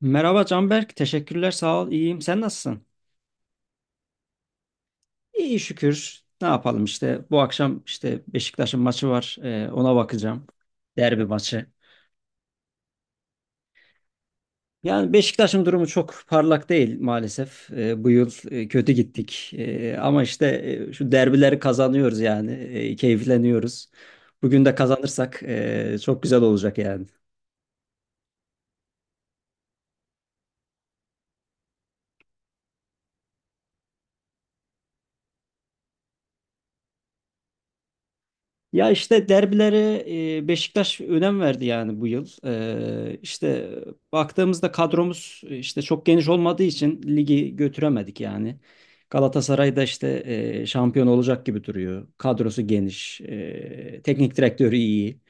Merhaba Canberk, teşekkürler, sağ ol, iyiyim. Sen nasılsın? İyi şükür. Ne yapalım işte bu akşam işte Beşiktaş'ın maçı var, ona bakacağım. Derbi maçı. Yani Beşiktaş'ın durumu çok parlak değil maalesef. Bu yıl kötü gittik. Ama işte şu derbileri kazanıyoruz yani, keyifleniyoruz. Bugün de kazanırsak çok güzel olacak yani. Ya işte derbilere Beşiktaş önem verdi yani bu yıl. İşte baktığımızda kadromuz işte çok geniş olmadığı için ligi götüremedik yani. Galatasaray da işte şampiyon olacak gibi duruyor. Kadrosu geniş, teknik direktörü iyi.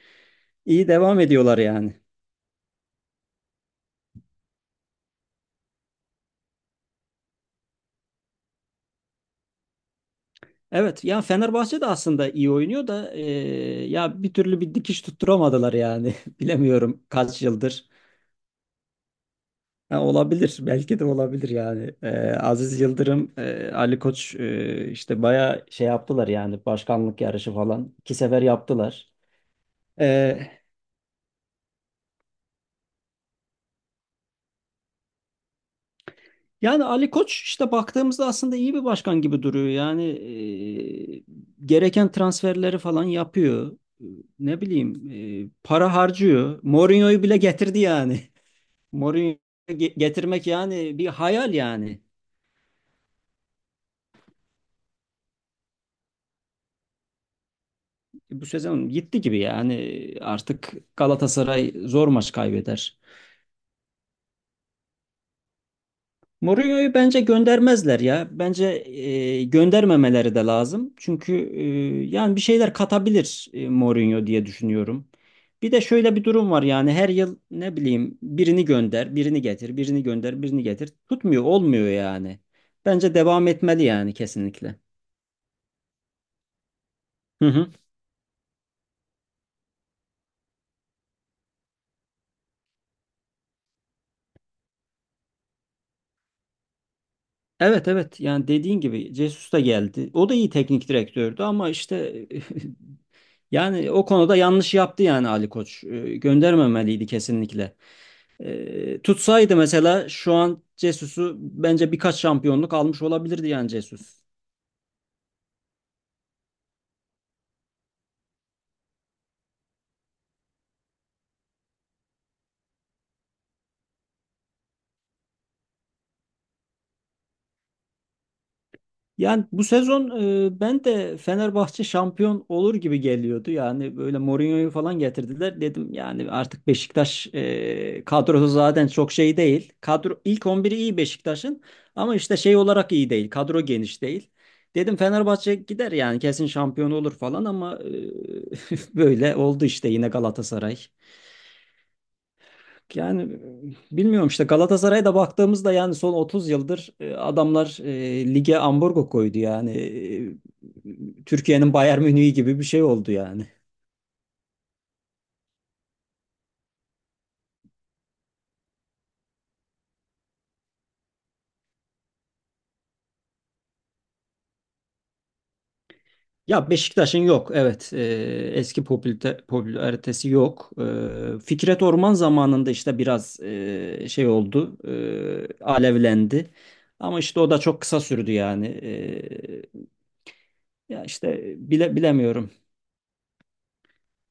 İyi devam ediyorlar yani. Evet, ya Fenerbahçe de aslında iyi oynuyor da ya bir türlü bir dikiş tutturamadılar yani. Bilemiyorum kaç yıldır. Ha, olabilir. Belki de olabilir yani. Aziz Yıldırım, Ali Koç işte bayağı şey yaptılar yani başkanlık yarışı falan. İki sefer yaptılar. Ee, Yani Ali Koç işte baktığımızda aslında iyi bir başkan gibi duruyor. Yani e, gereken transferleri falan yapıyor. Ne bileyim para harcıyor. Mourinho'yu bile getirdi yani. Mourinho'yu Getirmek yani bir hayal yani. Bu sezon gitti gibi yani artık Galatasaray zor maç kaybeder. Mourinho'yu bence göndermezler ya. Bence göndermemeleri de lazım. Çünkü yani bir şeyler katabilir Mourinho diye düşünüyorum. Bir de şöyle bir durum var yani her yıl ne bileyim birini gönder, birini getir, birini gönder, birini getir. Tutmuyor, olmuyor yani. Bence devam etmeli yani kesinlikle. Hı hı. Evet evet yani dediğin gibi Jesus da geldi. O da iyi teknik direktördü ama işte. Yani o konuda yanlış yaptı yani Ali Koç. Göndermemeliydi kesinlikle. Tutsaydı mesela şu an Cesus'u bence birkaç şampiyonluk almış olabilirdi yani Cesus. Yani bu sezon ben de Fenerbahçe şampiyon olur gibi geliyordu. Yani böyle Mourinho'yu falan getirdiler. Dedim yani artık Beşiktaş kadrosu zaten çok şey değil. Kadro ilk on biri iyi Beşiktaş'ın ama işte şey olarak iyi değil. Kadro geniş değil. Dedim Fenerbahçe gider yani kesin şampiyon olur falan ama böyle oldu işte yine Galatasaray. Yani bilmiyorum işte Galatasaray'a da baktığımızda yani son 30 yıldır adamlar lige ambargo koydu yani. Türkiye'nin Bayern Münih'i gibi bir şey oldu yani. Ya Beşiktaş'ın yok evet. Eski popülaritesi yok. Fikret Orman zamanında işte biraz şey oldu, alevlendi. Ama işte o da çok kısa sürdü yani. Ya işte bilemiyorum.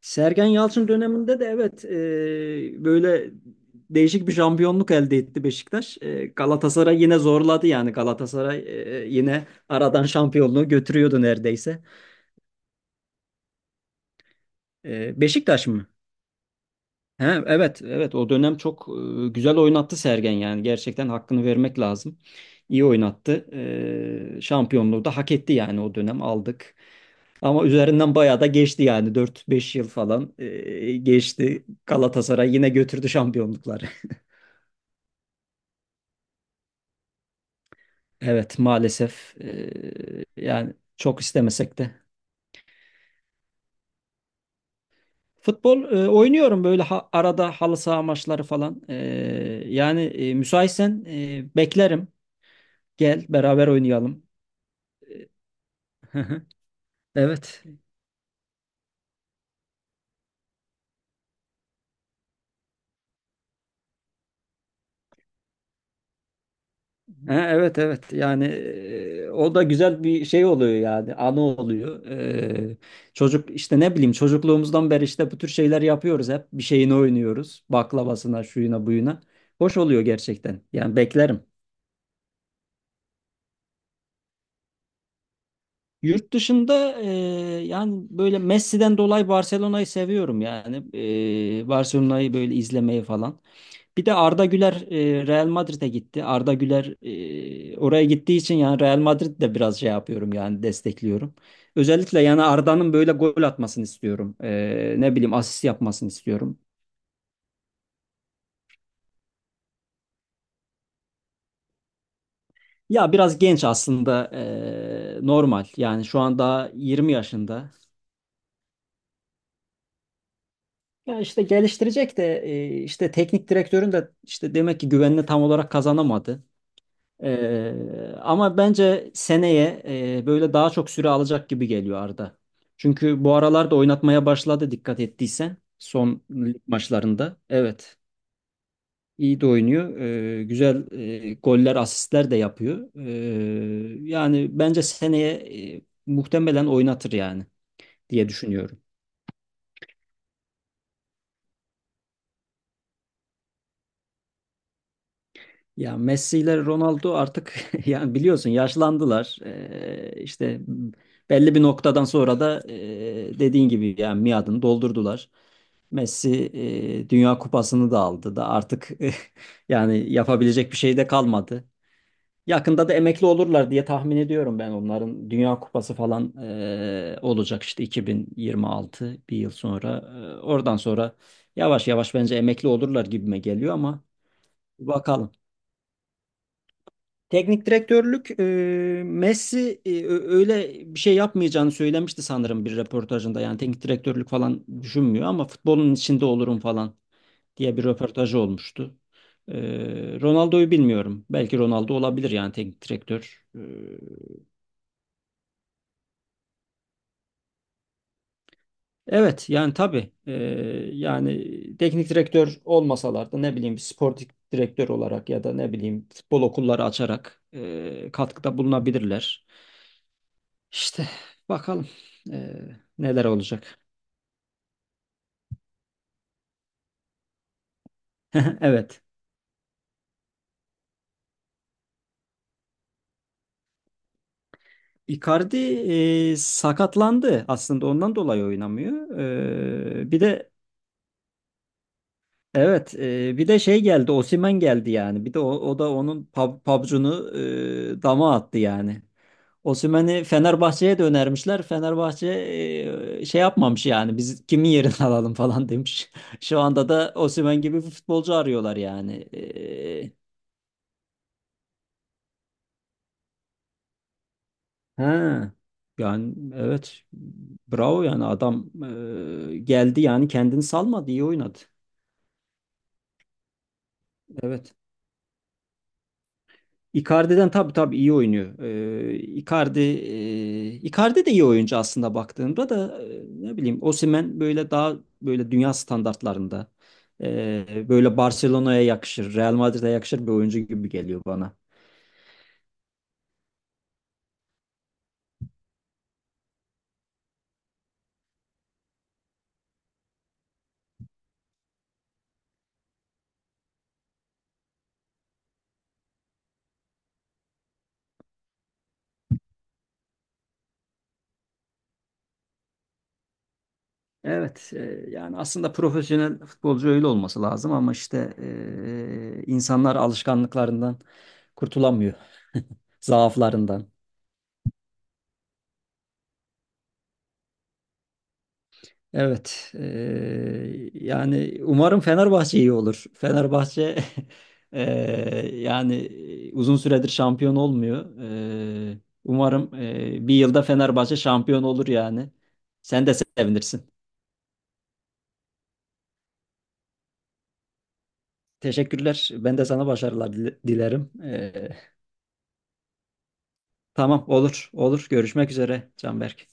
Sergen Yalçın döneminde de evet böyle değişik bir şampiyonluk elde etti Beşiktaş. Galatasaray yine zorladı yani Galatasaray yine aradan şampiyonluğu götürüyordu neredeyse. Beşiktaş mı? He, evet evet o dönem çok güzel oynattı Sergen yani gerçekten hakkını vermek lazım. İyi oynattı. Şampiyonluğu da hak etti yani o dönem aldık. Ama üzerinden bayağı da geçti yani dört beş yıl falan geçti. Galatasaray yine götürdü şampiyonlukları. Evet maalesef yani çok istemesek de. Futbol oynuyorum böyle arada halı saha maçları falan. Yani müsaitsen beklerim. Gel beraber oynayalım. Evet. Ha, evet evet yani o da güzel bir şey oluyor yani anı oluyor. Çocuk işte ne bileyim çocukluğumuzdan beri işte bu tür şeyler yapıyoruz hep bir şeyini oynuyoruz baklavasına şuyuna buyuna. Hoş oluyor gerçekten yani beklerim. Yurt dışında yani böyle Messi'den dolayı Barcelona'yı seviyorum yani. Barcelona'yı böyle izlemeyi falan. Bir de Arda Güler Real Madrid'e gitti. Arda Güler oraya gittiği için yani Real Madrid'i de biraz şey yapıyorum yani destekliyorum. Özellikle yani Arda'nın böyle gol atmasını istiyorum. Ne bileyim asist yapmasını istiyorum. Ya biraz genç aslında normal yani şu an daha 20 yaşında. Ya işte geliştirecek de işte teknik direktörün de işte demek ki güvenini tam olarak kazanamadı. Ama bence seneye böyle daha çok süre alacak gibi geliyor Arda. Çünkü bu aralarda oynatmaya başladı dikkat ettiysen son lig maçlarında. Evet. iyi de oynuyor. Güzel goller, asistler de yapıyor. Yani bence seneye muhtemelen oynatır yani diye düşünüyorum. Ya Messi ile Ronaldo artık yani biliyorsun yaşlandılar. İşte belli bir noktadan sonra da dediğin gibi yani miadını doldurdular. Messi Dünya Kupası'nı da aldı da artık yani yapabilecek bir şey de kalmadı. Yakında da emekli olurlar diye tahmin ediyorum ben onların Dünya Kupası falan olacak işte 2026 bir yıl sonra. Oradan sonra yavaş yavaş bence emekli olurlar gibime geliyor ama bakalım. Teknik direktörlük Messi öyle bir şey yapmayacağını söylemişti sanırım bir röportajında. Yani teknik direktörlük falan düşünmüyor ama futbolun içinde olurum falan diye bir röportajı olmuştu. E, Ronaldo'yu bilmiyorum. Belki Ronaldo olabilir yani teknik direktör. Evet yani tabii yani teknik direktör olmasalar da ne bileyim bir sportif direktör olarak ya da ne bileyim futbol okulları açarak katkıda bulunabilirler. İşte bakalım neler olacak. Evet. Icardi sakatlandı. Aslında ondan dolayı oynamıyor. Bir de evet, bir de şey geldi. Osimhen geldi yani. Bir de o, o da onun pabucunu dama attı yani. Osimhen'i Fenerbahçe'ye de önermişler. Fenerbahçe şey yapmamış yani. Biz kimin yerini alalım falan demiş. Şu anda da Osimhen gibi bir futbolcu arıyorlar yani. Ha. Yani evet. Bravo yani adam geldi yani kendini salmadı, iyi oynadı. Evet. Icardi'den tabii tabii iyi oynuyor. Ee, Icardi, Icardi de iyi oyuncu aslında baktığında da ne bileyim Osimhen böyle daha böyle dünya standartlarında böyle Barcelona'ya yakışır, Real Madrid'e yakışır bir oyuncu gibi geliyor bana. Evet, yani aslında profesyonel futbolcu öyle olması lazım ama işte insanlar alışkanlıklarından kurtulamıyor, zaaflarından. Evet, yani umarım Fenerbahçe iyi olur. Fenerbahçe e, yani uzun süredir şampiyon olmuyor. E, Umarım bir yılda Fenerbahçe şampiyon olur yani. Sen de sevinirsin. Teşekkürler. Ben de sana başarılar dilerim. Tamam olur olur. Görüşmek üzere Canberk.